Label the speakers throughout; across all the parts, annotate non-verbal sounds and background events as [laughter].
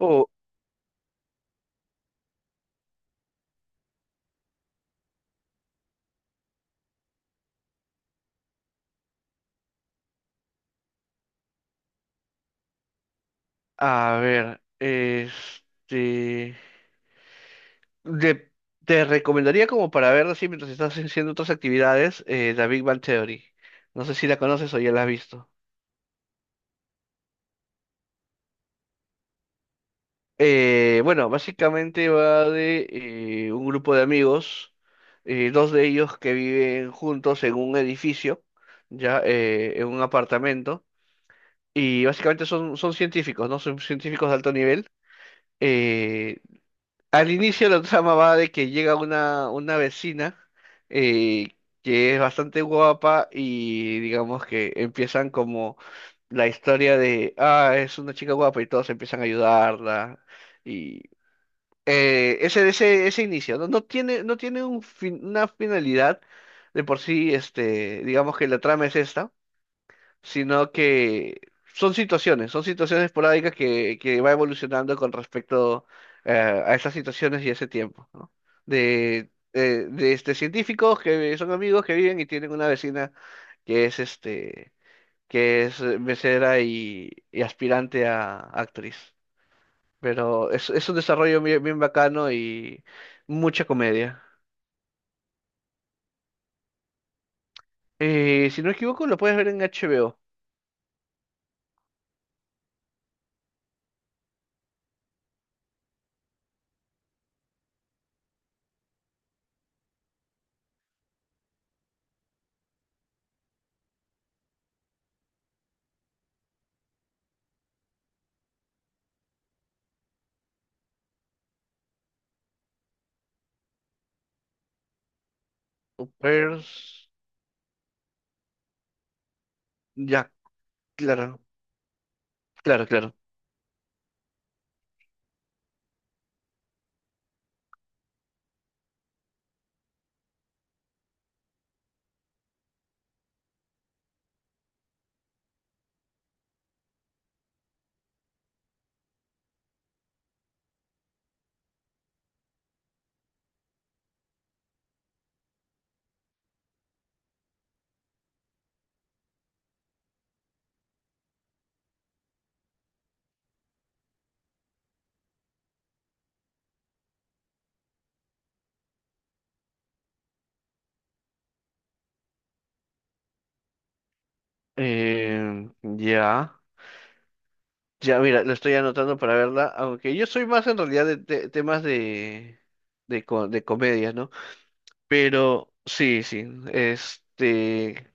Speaker 1: Oh, a ver, de- te recomendaría como para ver así mientras estás haciendo otras actividades, The Big Bang Theory. No sé si la conoces o ya la has visto. Bueno, básicamente va de un grupo de amigos, dos de ellos que viven juntos en un edificio, ya en un apartamento, y básicamente son científicos, ¿no? Son científicos de alto nivel. eh, Al inicio la trama va de que llega una vecina eh, que es bastante guapa y digamos que empiezan como la historia de, ah, es una chica guapa y todos empiezan a ayudarla. Y ese inicio, ¿no? No tiene un una finalidad de por sí, este, digamos que la trama es esta, sino que son situaciones esporádicas que va evolucionando con respecto eh, a esas situaciones y ese tiempo, ¿no? De, este, científicos que son amigos que viven y tienen una vecina que es que es mesera y aspirante a actriz. Pero es un desarrollo bien, bien bacano y mucha comedia. Si no me equivoco, lo puedes ver en HBO. Pers- Ya, claro, claro, claro. Eh, ya, ya, mira, lo estoy anotando para verla, aunque yo soy más en realidad temas de, de comedias, ¿no? Pero sí, sí, este,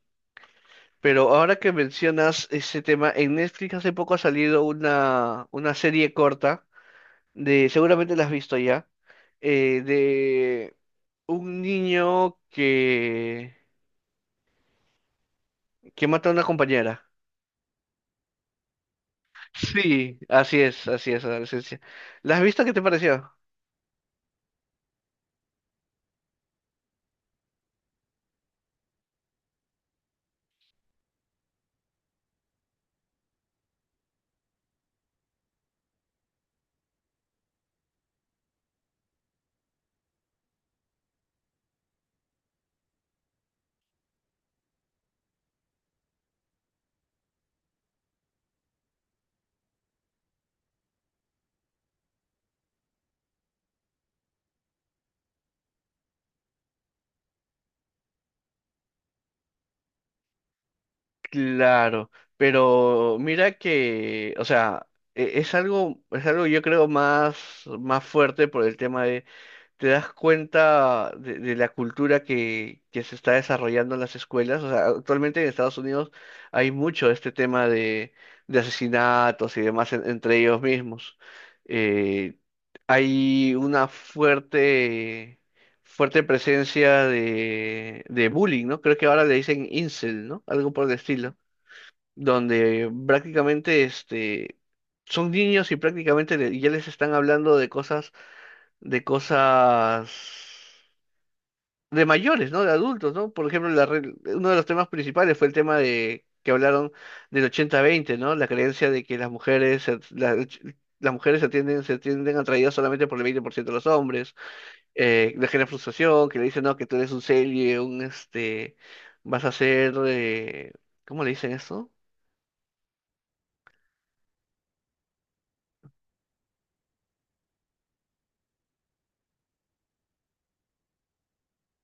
Speaker 1: pero ahora que mencionas ese tema, en Netflix hace poco ha salido una serie corta, de, seguramente la has visto ya, de un niño que mata a una compañera. Sí, así es, adolescencia. ¿La has visto? ¿Qué te pareció? Claro, pero mira que, o sea, es algo yo creo más, más fuerte por el tema de, te das cuenta de la cultura que se está desarrollando en las escuelas. O sea, actualmente en Estados Unidos hay mucho este tema de asesinatos y demás entre ellos mismos. Eh, hay una fuerte presencia de bullying, ¿no? Creo que ahora le dicen incel, ¿no? Algo por el estilo donde prácticamente son niños y prácticamente ya les están hablando de cosas, de cosas de mayores, ¿no? De adultos, ¿no? Por ejemplo, uno de los temas principales fue el tema de que hablaron del 80-20, ¿no? La creencia de que las las mujeres se tienden atraídas solamente por el 20% de los hombres, le genera frustración, que le dicen, no, que tú eres un serie, vas a ser, ¿cómo le dicen eso?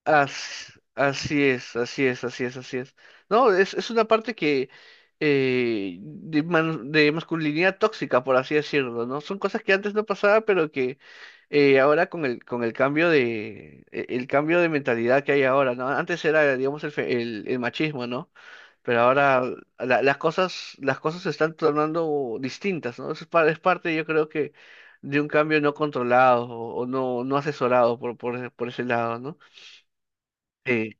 Speaker 1: Así es, así es, así es, así es. No, es una parte que de masculinidad tóxica, por así decirlo, ¿no? Son cosas que antes no pasaba, pero que ahora con el cambio de, el cambio de mentalidad que hay ahora, ¿no? Antes era, digamos, el machismo, ¿no? Pero ahora las cosas se están tornando distintas, ¿no? Eso es, es parte, yo creo que, de un cambio no controlado o, no asesorado por ese lado, ¿no? Eh,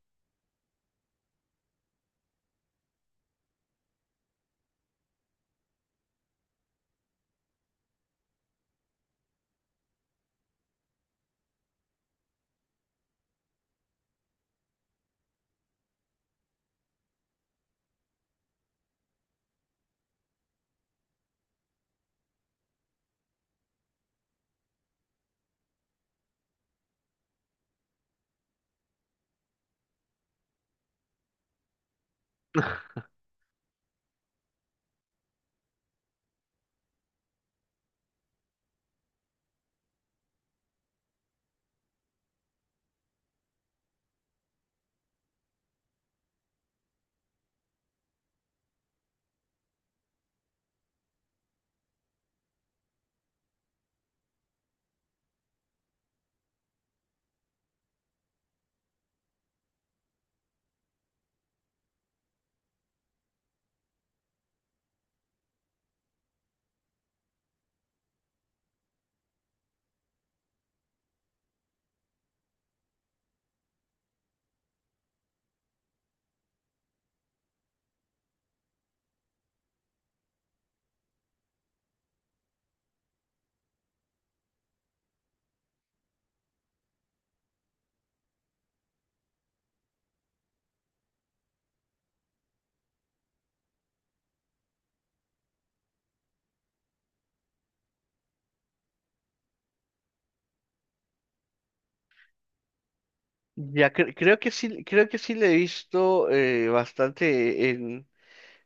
Speaker 1: Ya creo que sí le he visto bastante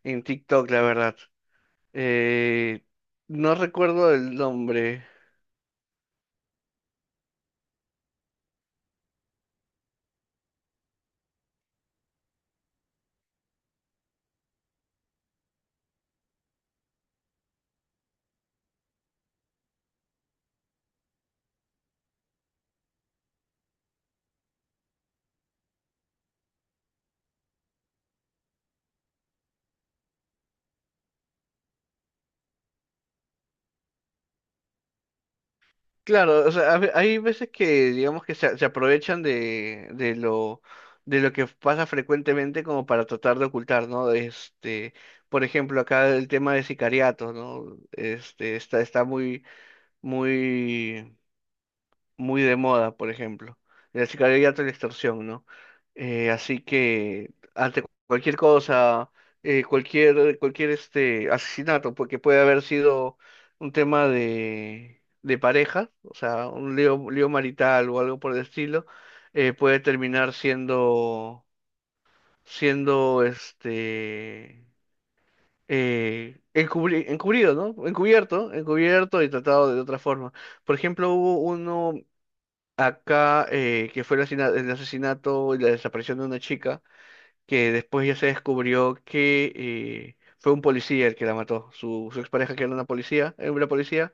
Speaker 1: en TikTok, la verdad. Eh, no recuerdo el nombre. Claro, o sea, hay veces que digamos que se aprovechan de lo de lo que pasa frecuentemente como para tratar de ocultar, ¿no? Este, por ejemplo, acá el tema de sicariatos, ¿no? Este, está muy, muy muy de moda, por ejemplo. El sicariato y la extorsión, ¿no? Así que ante cualquier cosa, cualquier asesinato, porque puede haber sido un tema de pareja, o sea, un lío marital o algo por el estilo, puede terminar siendo encubrido, ¿no? Encubierto, encubierto y tratado de otra forma. Por ejemplo, hubo uno acá, que fue el asesinato y la desaparición de una chica, que después ya se descubrió que fue un policía el que la mató. Su expareja, que era una policía,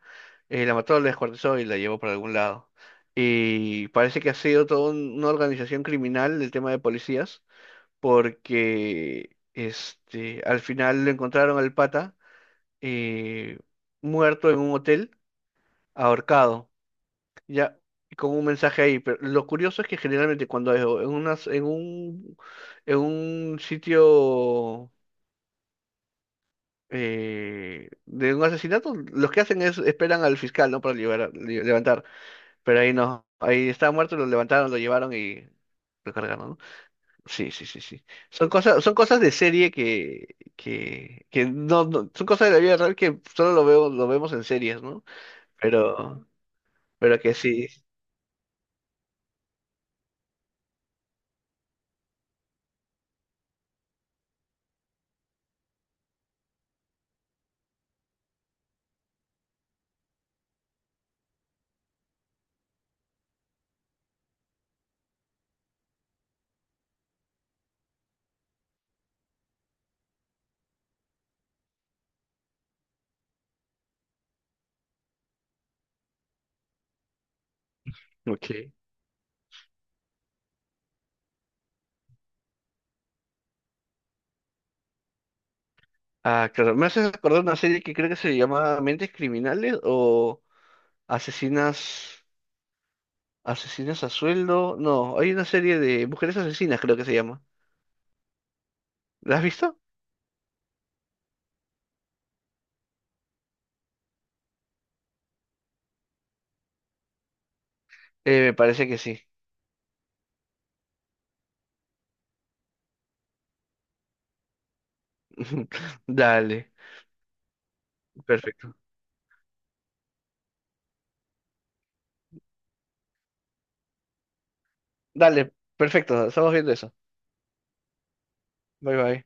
Speaker 1: la mató, la descuartizó y la llevó para algún lado. Y parece que ha sido toda una organización criminal el tema de policías, porque al final lo encontraron al pata eh, muerto en un hotel, ahorcado. Ya, con un mensaje ahí, pero lo curioso es que generalmente cuando es o en unas, en un sitio de un asesinato, los que hacen es esperan al fiscal, ¿no? Para levantar, pero ahí no, ahí estaba muerto, lo levantaron, lo llevaron y lo cargaron, ¿no? Sí, sí, sí, sí. Son cosas de serie que no, no- son cosas de la vida real que lo vemos en series, ¿no? Pero, pero que sí, ok. Ah, claro. Me haces acordar una serie que creo que se llama Mentes Criminales o Asesinas, Asesinas a Sueldo. No, hay una serie de Mujeres Asesinas, creo que se llama. ¿La has visto? Me parece que sí. [laughs] Dale, perfecto. Dale, perfecto. Estamos viendo eso. Bye bye.